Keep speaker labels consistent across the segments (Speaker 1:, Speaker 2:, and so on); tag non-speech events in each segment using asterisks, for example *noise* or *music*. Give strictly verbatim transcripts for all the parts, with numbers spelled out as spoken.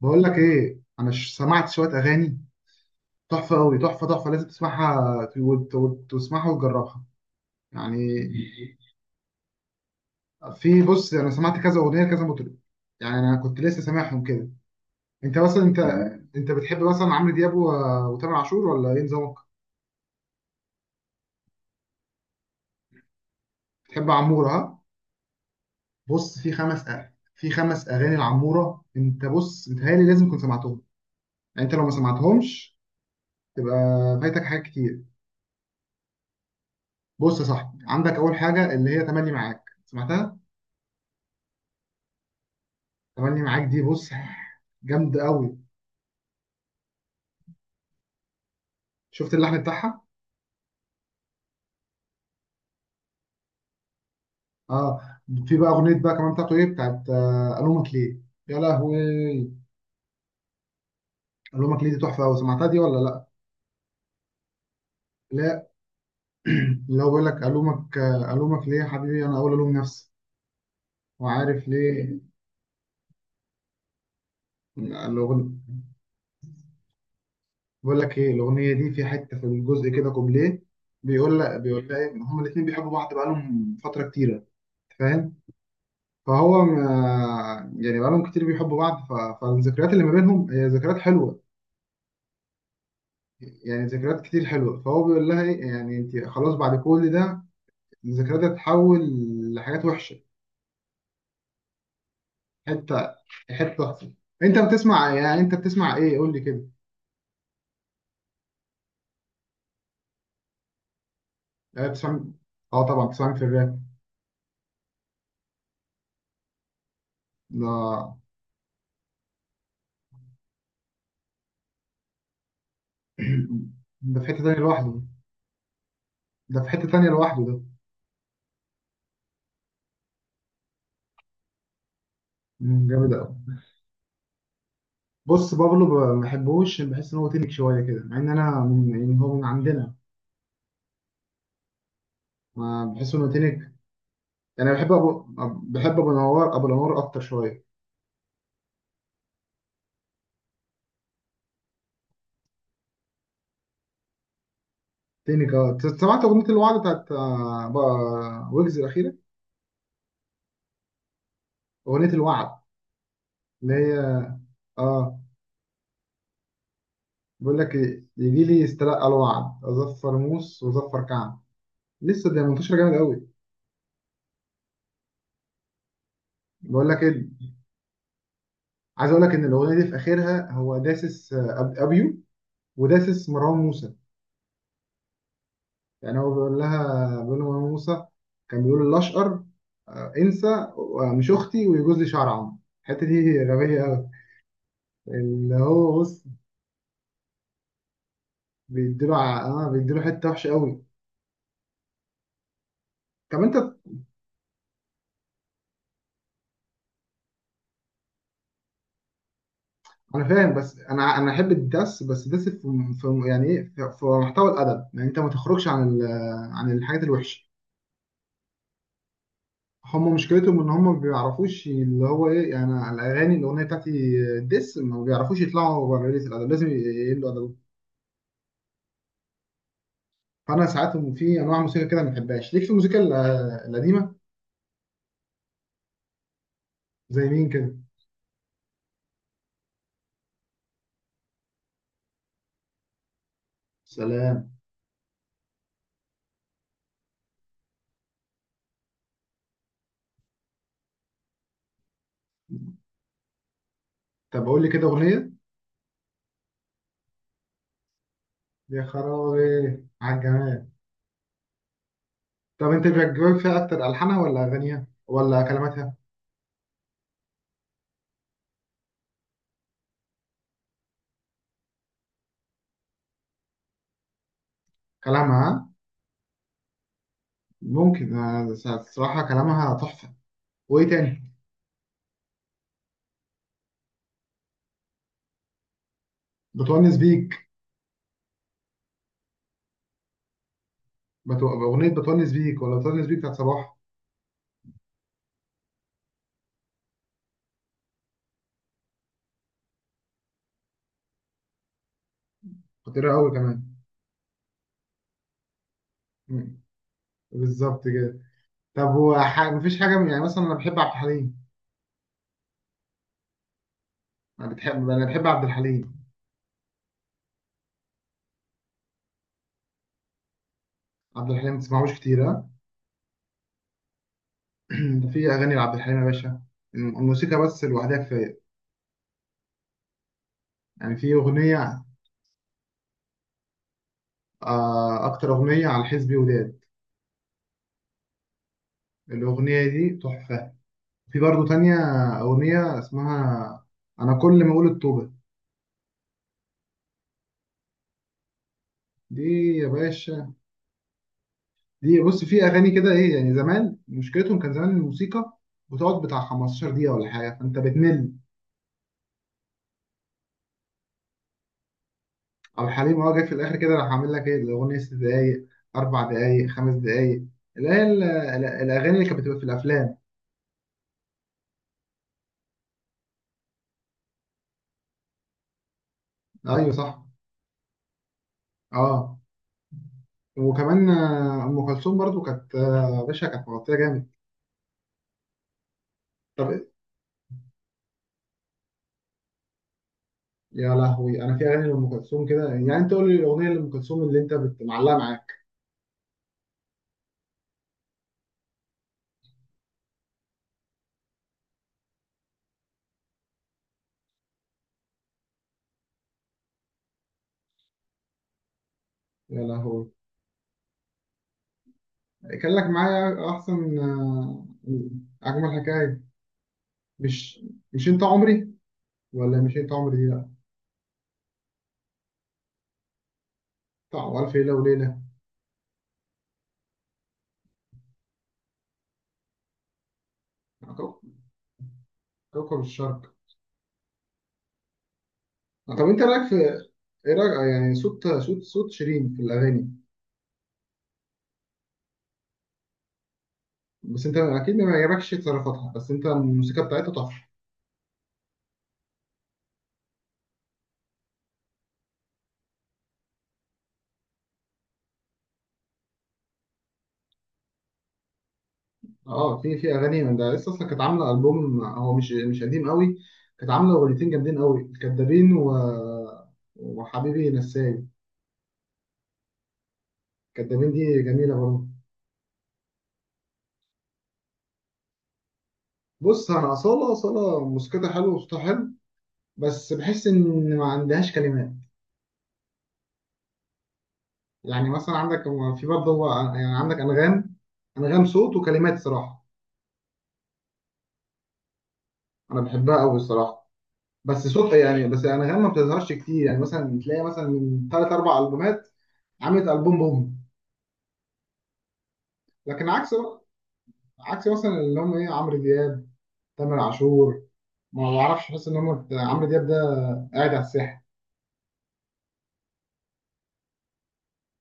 Speaker 1: بقول لك ايه، انا ش- سمعت شويه اغاني تحفه قوي، تحفه تحفه، لازم تسمعها ت- وت- وت- تسمعها وتجربها يعني. في، بص، انا سمعت كذا اغنيه لكذا مطرب يعني. انا كنت لسه سامعهم كده. انت مثلا انت تمام، انت بتحب مثلا عمرو دياب و- وتامر عاشور ولا ايه نظامك؟ بتحب عموره ها؟ بص، في خمس أغ... في خمس اغاني لعموره، انت بص متهيألي لازم تكون سمعتهم. يعني انت لو ما سمعتهمش تبقى فايتك حاجات كتير. بص يا صاحبي، عندك اول حاجه اللي هي تملي معاك، سمعتها؟ تملي معاك دي، بص، جامد قوي. شفت اللحن بتاعها. اه، في بقى اغنيه بقى كمان بتاعته، ايه بتاعت آه، الومك ليه. يا لهوي، الومك ليه دي تحفه قوي، سمعتها دي ولا لا؟ لا، *clears throat* اللي هو بيقول لك الومك، آه، الومك ليه يا حبيبي انا اول الوم نفسي، وعارف ليه الاغنيه؟ بقول لك ايه، الاغنيه دي في حته، في الجزء كده كوبليه، بيقول لك بيقول لها ايه، هما الاثنين بيحبوا بعض بقالهم فتره كتيره، أنت فاهم؟ فهو آه، يعني بقالهم كتير بيحبوا بعض، ف- فالذكريات اللي ما بينهم هي ذكريات حلوه، يعني ذكريات كتير حلوه. فهو بيقول لها ايه، يعني انت خلاص بعد كل ده الذكريات هتتحول لحاجات وحشه، حته حته وحشه. انت بتسمع، يعني انت بتسمع ايه، قول لي كده. آه، بتسمع؟ اه طبعا بتسمع في الراب. ده *clears throat* ده في حته تانيه لوحده، ده في حته تانيه لوحده ده. مم، جامد قوي. بص بابلو، ب- ما بحبوش، بحس ان هو تنك شويه كده، مع ان انا من، يعني هو من عندنا. ما بحس انه تنك. يعني بحب ابو، بحب ابو نوار، ابو نوار اكتر شويه. تاني جاد، سمعت أغنية الوعد بتاعت آه، بقى ويجز الأخيرة، أغنية الوعد، اللي هي آه. بيقول لك إيه، يجي لي استلقى الوعد أظفر موس وأظفر كعب، لسه ده منتشر جامد قوي. بقول لك إيه، عايز أقول لك إن الأغنية دي في آخرها هو داسس، آه، أب- أبيو، وداسس مروان موسى. يعني هو بيقول لها، بيقول لمروان موسى، كان بيقول الأشقر، آه، انسى، آه، مش أختي ويجوز لي شعر عمرو. الحتة دي غبية قوي. اللي هو بص بيديله ع- اه بيديله حته وحشه قوي. طب انت، انا فاهم بس انا انا احب الدس، بس دس في، في يعني ايه، في في محتوى الادب. يعني انت ما تخرجش عن ال- عن الحاجات الوحشه. هم مشكلتهم ان هم ما بيعرفوش اللي هو ايه، يعني الاغاني الاغنيه بتاعتي دس، ما بيعرفوش يطلعوا بره ليله الادب، لازم يقلوا ادبهم. فانا ساعات في انواع موسيقى كده ما بحبهاش. ليك في الموسيقى ال- القديمه؟ زي مين كده؟ سلام. طب قول لي كده اغنيه. يا خرابي على الجمال. طب انت بيعجبك فيها اكتر الحانها ولا اغانيها ولا كلماتها؟ كلامها ها؟ ممكن آه، الصراحة كلامها تحفة. وإيه تاني؟ بتونس بيك. بتو... أغنية بتونس بيك، ولا بتونس بيك بتاعت صباح. خطيرة أوي كمان. مم، بالظبط كده. طب هو ح... مفيش حاجة من، يعني مثلا أنا بحب عبد الحليم. أنا بتحب أنا بحب عبد الحليم. عبد الحليم ما تسمعوش كتير ها؟ *clears throat* ده في أغاني لعبد الحليم يا باشا، الم- الموسيقى بس لوحدها كفاية. يعني في أغنية آه، أكتر أغنية على حزبي وداد، الأغنية دي تحفة. في برضه تانية، أغنية اسمها أنا كل ما أقول الطوبة، دي يا باشا. دي بص، في اغاني كده، ايه يعني، زمان مشكلتهم كان زمان الموسيقى بتقعد بتاع خمستاشر دقيقه ولا حاجه، فانت بتمل. او حليم هو جاي في الاخر كده، راح عامل لك ايه الاغنيه ست دقايق، اربع دقايق، خمس دقايق، اللي هي ال- ال- الاغاني اللي كانت بتبقى في الافلام. ايوه صح. اه، وكمان آه، ام كلثوم برضو كانت آه، يا باشا كانت مغطيه جامد. طب، يا لهوي، انا في اغاني لام كلثوم كده، يعني انت قول لي الاغنيه لام كلثوم اللي انت بت- معلقه معاك. يا لهوي، كان لك معايا احسن، آه، اجمل حكايه. مش، مش انت عمري، ولا مش انت عمري دي؟ لا، بتاع الف ليله وليله. كو- كوكب الشرق. آه، طب انت رايك في، ايه رايك آه، يعني صوت صوت صوت شيرين في الاغاني؟ بس انت اكيد ما يعجبكش تصرفاتها، بس انت الموسيقى بتاعتها تحفه. اه، في، في اغاني من ده لسه اصلا، كانت عامله البوم هو مش، مش قديم قوي، كانت عامله اغنيتين جامدين قوي، كدابين و، وحبيبي نساي. كدابين دي جميله برضه. بص انا اصاله، اصاله موسيقتها حلو وصوتها حلو، بس بحس ان ما عندهاش كلمات. يعني مثلا عندك، في برضه هو يعني، عندك انغام، انغام صوت وكلمات صراحه، انا بحبها قوي الصراحه. بس صوت يعني، بس انغام ما بتظهرش كتير، يعني مثلا تلاقي مثلا من ثلاث اربع البومات عملت البوم بوم. لكن عكس بقى، عكس مثلا اللي هم ايه، عمرو دياب، تامر عاشور. ما بعرفش، بحس ان هم عمرو دياب ده قاعد على الساحه.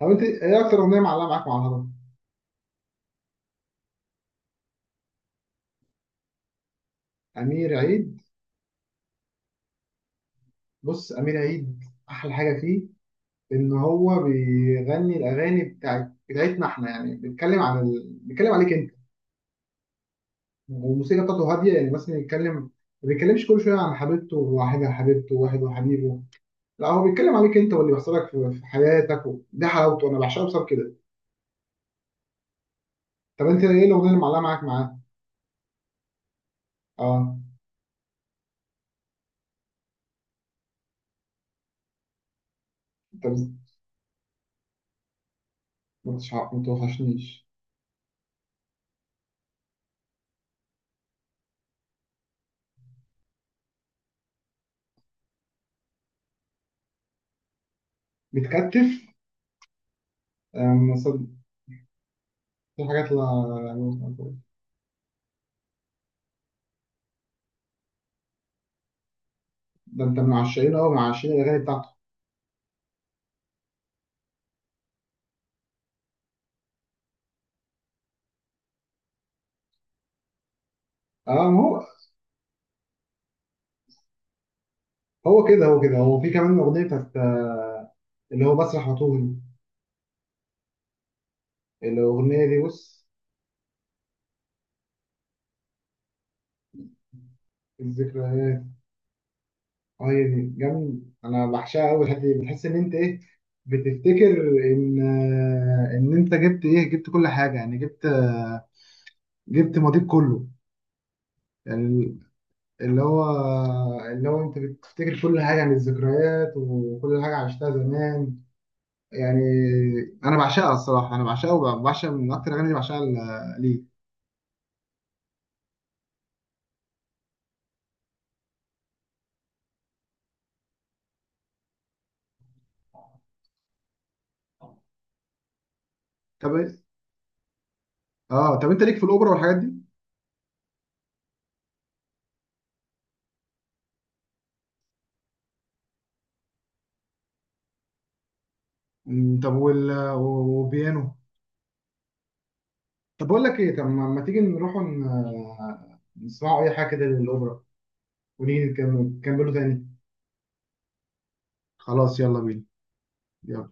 Speaker 1: طب انت ايه اكتر اغنيه معلقه معاك مع الهضبه؟ امير عيد. بص امير عيد، احلى حاجه فيه ان هو بيغني الاغاني بتاعت بتاعتنا احنا، يعني بيتكلم عن ال... بيتكلم عليك انت، والموسيقى بتاعته هاديه. يعني مثلا يتكلم، ما بيتكلمش كل شويه عن حبيبته وواحدها حبيبته وواحد وحبيبه، لا هو بيتكلم عليك انت واللي بيحصل لك في في حياتك، و... ده حلاوته، انا بعشقه بسبب كده. طب انت ايه الاغنيه اللي معلقه معاك معاه؟ اه، انت بز- ما تش- ما توحشنيش؟ بتكتف؟ أم، صد- في حاجات لا لا- لا- ده انت من عشاقين، اه من عشاقين الاغاني بتاعته. اه، ما هو، هو كده، هو كده، هو في كمان اغنيه بتاعت آه، اللي هو بسرح وطول، الاغنيه دي بص، الذكريات. اه، هي دي جامد، انا بعشقها قوي. الحته دي بتحس ان انت ايه، بتفتكر ان، آه، ان انت جبت ايه، جبت كل حاجه يعني، جبت آه، جبت ماضيك كله يعني، اللي هو، اللي هو انت بتفتكر كل حاجه عن الذكريات وكل حاجه عشتها زمان يعني. انا بعشقها الصراحه، انا بعشقها وبعشق من اكتر اغاني بعشقها ال- ليه. طب، اه طب انت ليك في الاوبرا والحاجات دي؟ مم، طب وال، وبيانو؟ طب بقول لك ايه، طب ما ما تيجي نروح ن- نسمعوا اي حاجه كده للاوبرا، ونيجي نكمل- نكملوا تاني؟ خلاص يلا بينا. يلا.